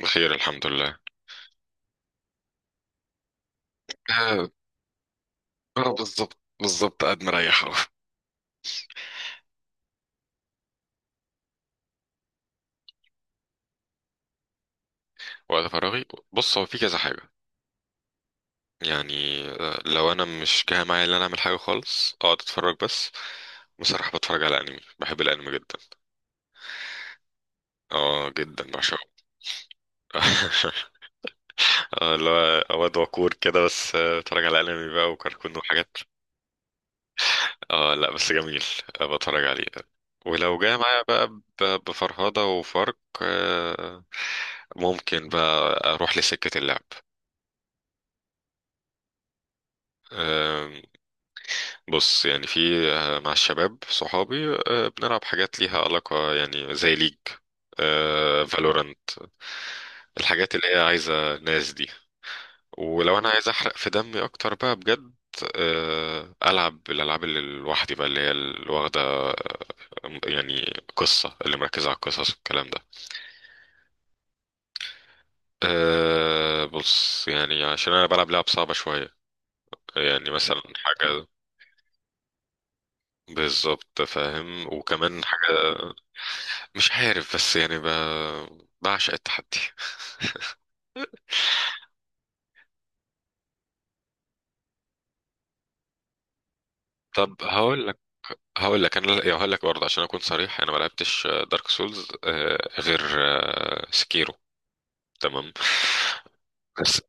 بخير الحمد لله. آه. آه، بالظبط بالظبط قاعد مريح أهو. وقت فراغي. بص، هو في كذا حاجة. يعني لو أنا مش جاي معايا إن أنا أعمل حاجة خالص، أقعد أتفرج بس. بصراحة بتفرج على أنمي، بحب الأنمي جدا. اه جدا بعشقه. اه، اللي هو واد وكور كده، بس بتفرج على أنمي بقى وكركون وحاجات. اه لا، بس جميل. بتفرج عليه. ولو جاي معايا بقى بفرهدة وفرق، ممكن بقى أروح لسكة اللعب. آم، بص يعني في، مع الشباب صحابي، بنلعب حاجات ليها علاقة، يعني زي ليج، فالورانت، الحاجات اللي هي عايزة ناس دي. ولو أنا عايز أحرق في دمي أكتر بقى بجد، ألعب الألعاب اللي لوحدي بقى، اللي هي اللي واخدة يعني قصة، اللي مركزة على القصص والكلام ده. أه بص يعني، عشان أنا بلعب لعب صعبة شوية، يعني مثلا حاجة. بالظبط فاهم، وكمان حاجة مش عارف، بس يعني بعشق التحدي. طب هقول لك، انا يعني هقول لك برضه عشان اكون صريح، انا ما لعبتش دارك سولز غير سكيرو، تمام. بس،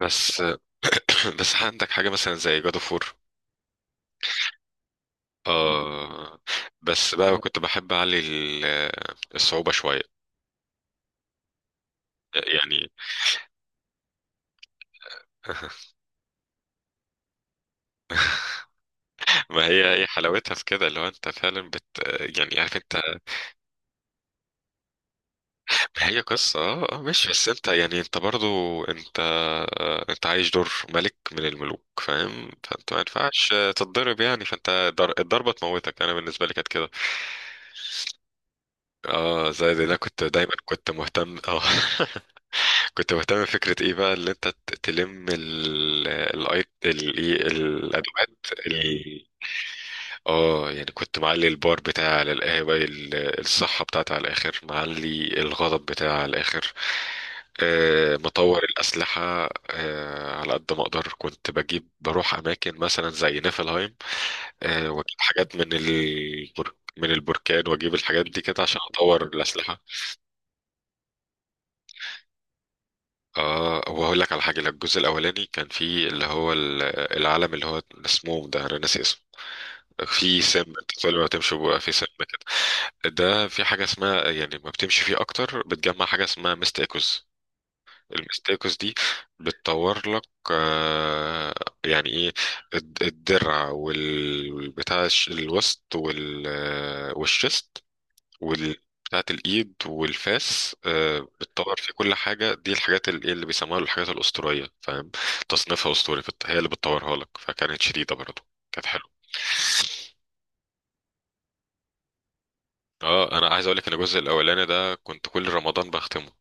بس بس عندك حاجه مثلا زي جاد اوف وور، آه. بس بقى كنت بحب اعلي الصعوبه شويه يعني. ما هي، هي حلاوتها في كده، اللي هو انت فعلا يعني، عارف انت. هي قصة اه، ماشي، بس انت يعني، انت برضو انت، انت عايش دور ملك من الملوك، فاهم، فانت ما ينفعش تتضرب يعني، فانت الضربة تموتك. انا بالنسبة لي كانت كده. اه زي ده، انا كنت دايما كنت مهتم اه. كنت مهتم بفكرة ايه بقى، اللي انت تلم الاي إيه، الادوات. اه يعني كنت معلي البار بتاعي على القهوة، الصحة بتاعتي على الآخر، معلي الغضب بتاعي على الآخر، مطور الأسلحة على قد ما أقدر. كنت بجيب بروح أماكن مثلا زي نيفلهايم، وأجيب حاجات من البرك، من البركان، وأجيب الحاجات دي كده عشان أطور الأسلحة. اه وهقول لك على حاجة، الجزء الأولاني كان فيه اللي هو العلم، اللي هو اسمه ده أنا ناسي، في سم، انت كل ما بتمشي بيبقى في سم كده. ده في حاجه اسمها، يعني ما بتمشي فيه اكتر بتجمع حاجه اسمها مستيكوز. المستيكوز دي بتطور لك آه، يعني ايه، الدرع، والبتاع الوسط، والشست، وال بتاعت الايد والفاس، بتطور في كل حاجه، دي الحاجات اللي بيسموها الحاجات الاسطوريه، فاهم، تصنيفها اسطوري، هي اللي بتطورها لك، فكانت شديده برضه، كانت حلوه. اه انا عايز اقول لك ان الجزء الاولاني ده كنت كل رمضان بختمه.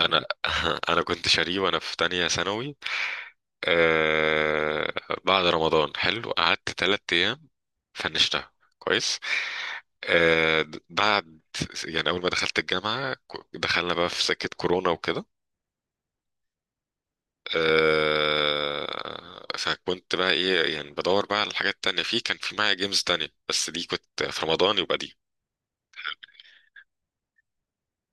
انا انا كنت شاريه وانا في تانية ثانوي. آه، بعد رمضان حلو قعدت تلات ايام فنشتها، كويس. بعد يعني، اول ما دخلت الجامعة دخلنا بقى في سكة كورونا وكده. آه فكنت بقى ايه، يعني بدور بقى على الحاجات التانية، في كان في معايا جيمز تانية، بس دي كنت في رمضان يبقى دي.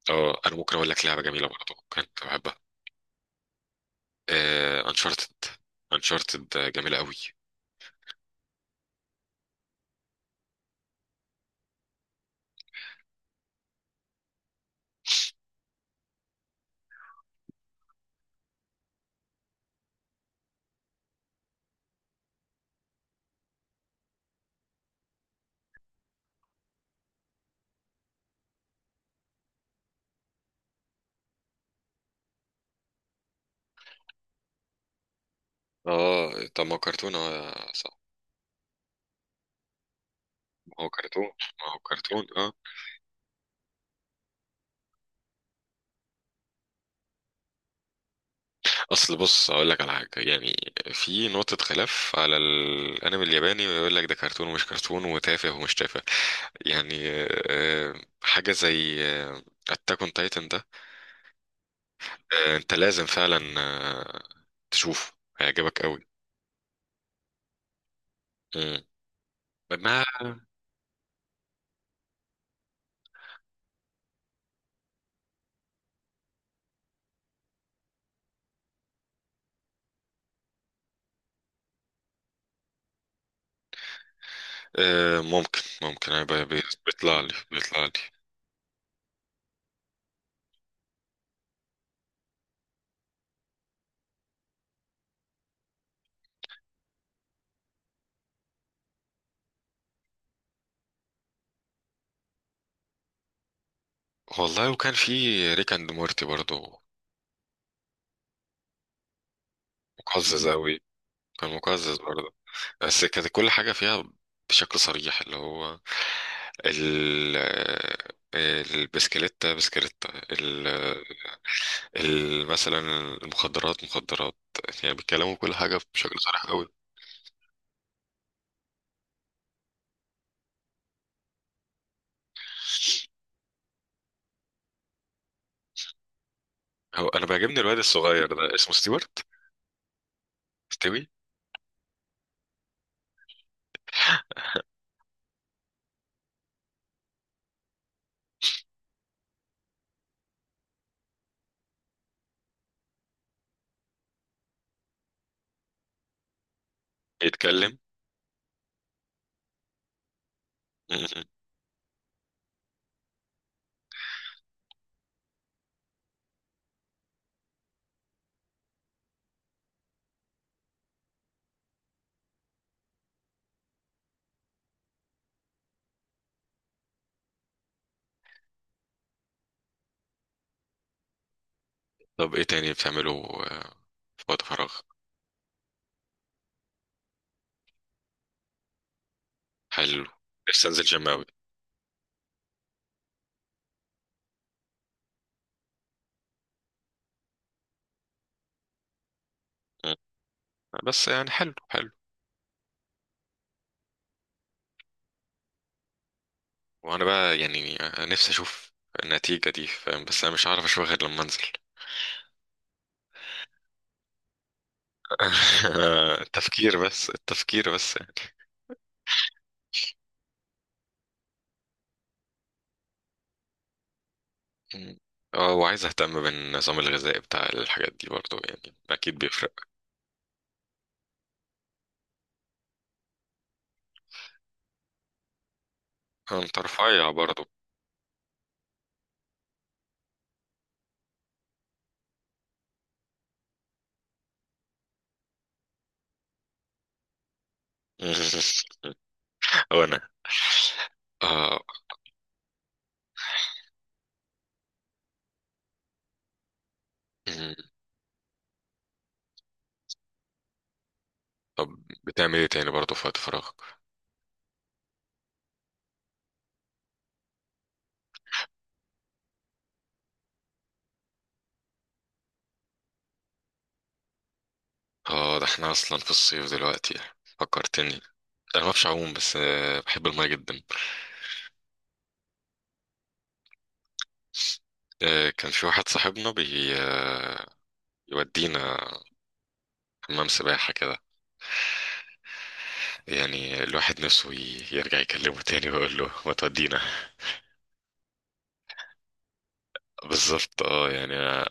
اه انا ممكن اقول لك لعبة جميلة برضه كنت بحبها: انشارتد. انشارتد جميلة قوي. اه طب ما هو كرتون، اه صح. ما هو كرتون، ما هو كرتون اه. اصل بص اقول لك على حاجه يعني، في نقطه خلاف على الانمي الياباني، ويقول لك ده كرتون ومش كرتون، وتافه ومش تافه، يعني آه، حاجه زي اتاك اون تايتن ده، انت لازم فعلا تشوفه، هيعجبك قوي. مم. ما ممكن ممكن أنا، بيطلع لي، بيطلع لي. والله، وكان في ريك اند مورتي برضه. مقزز أوي. كان مقزز برضه، بس كانت كل حاجة فيها بشكل صريح، اللي هو ال البسكليتة بسكليتة مثلا، المخدرات مخدرات، يعني بيتكلموا كل حاجة بشكل صريح أوي. هو أنا بيعجبني الواد الصغير ده اسمه ستيوارت، ستيوي. بيتكلم م- م. طب إيه تاني بتعمله آه، في وقت فراغ. حلو، لسه أنزل جيم أوي. م. بس يعني حلو، حلو. وانا بقى يعني نفسي اشوف النتيجة دي، فاهم، بس انا مش هعرف اشوفها غير لما انزل. التفكير بس، التفكير بس يعني. اه وعايز اهتم بالنظام الغذائي بتاع الحاجات دي برضو، يعني اكيد بيفرق. انت رفيع برضو. وانا اه. مم. طب بتعمل ايه تاني برضو في وقت فراغك. اه، ده احنا اصلا في الصيف دلوقتي، فكرتني انا. ما بعرفش اعوم، بس بحب الماء جدا. كان في واحد صاحبنا بي آه، يودينا حمام سباحة كده. يعني الواحد نفسه يرجع يكلمه تاني ويقول له ما تودينا. بالظبط اه، يعني أنا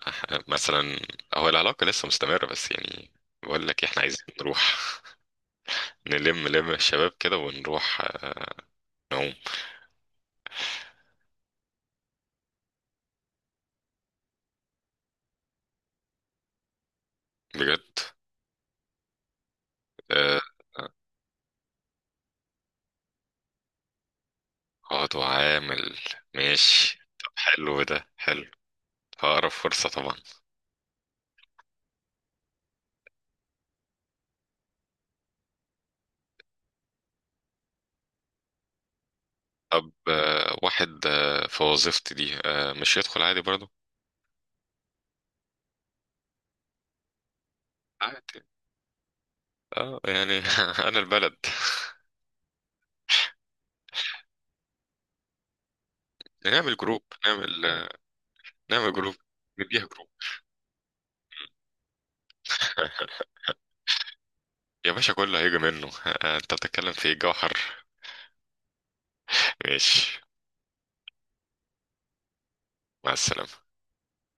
مثلا، هو العلاقة لسه مستمرة بس يعني، بقول لك احنا عايزين نروح نلم لم الشباب كده، ونروح نعوم. بجد. آه، آه، اقعد وعامل، ماشي. طب حلو، ده حلو. هقرب فرصة طبعا. طب واحد في وظيفتي دي مش يدخل عادي برضه. عادي، اه يعني. انا البلد. نعمل جروب، نعمل جروب، نديها جروب. يا باشا، كله هيجي منه. انت بتتكلم في إيه؟ جوهر. ماشي. مع السلامة.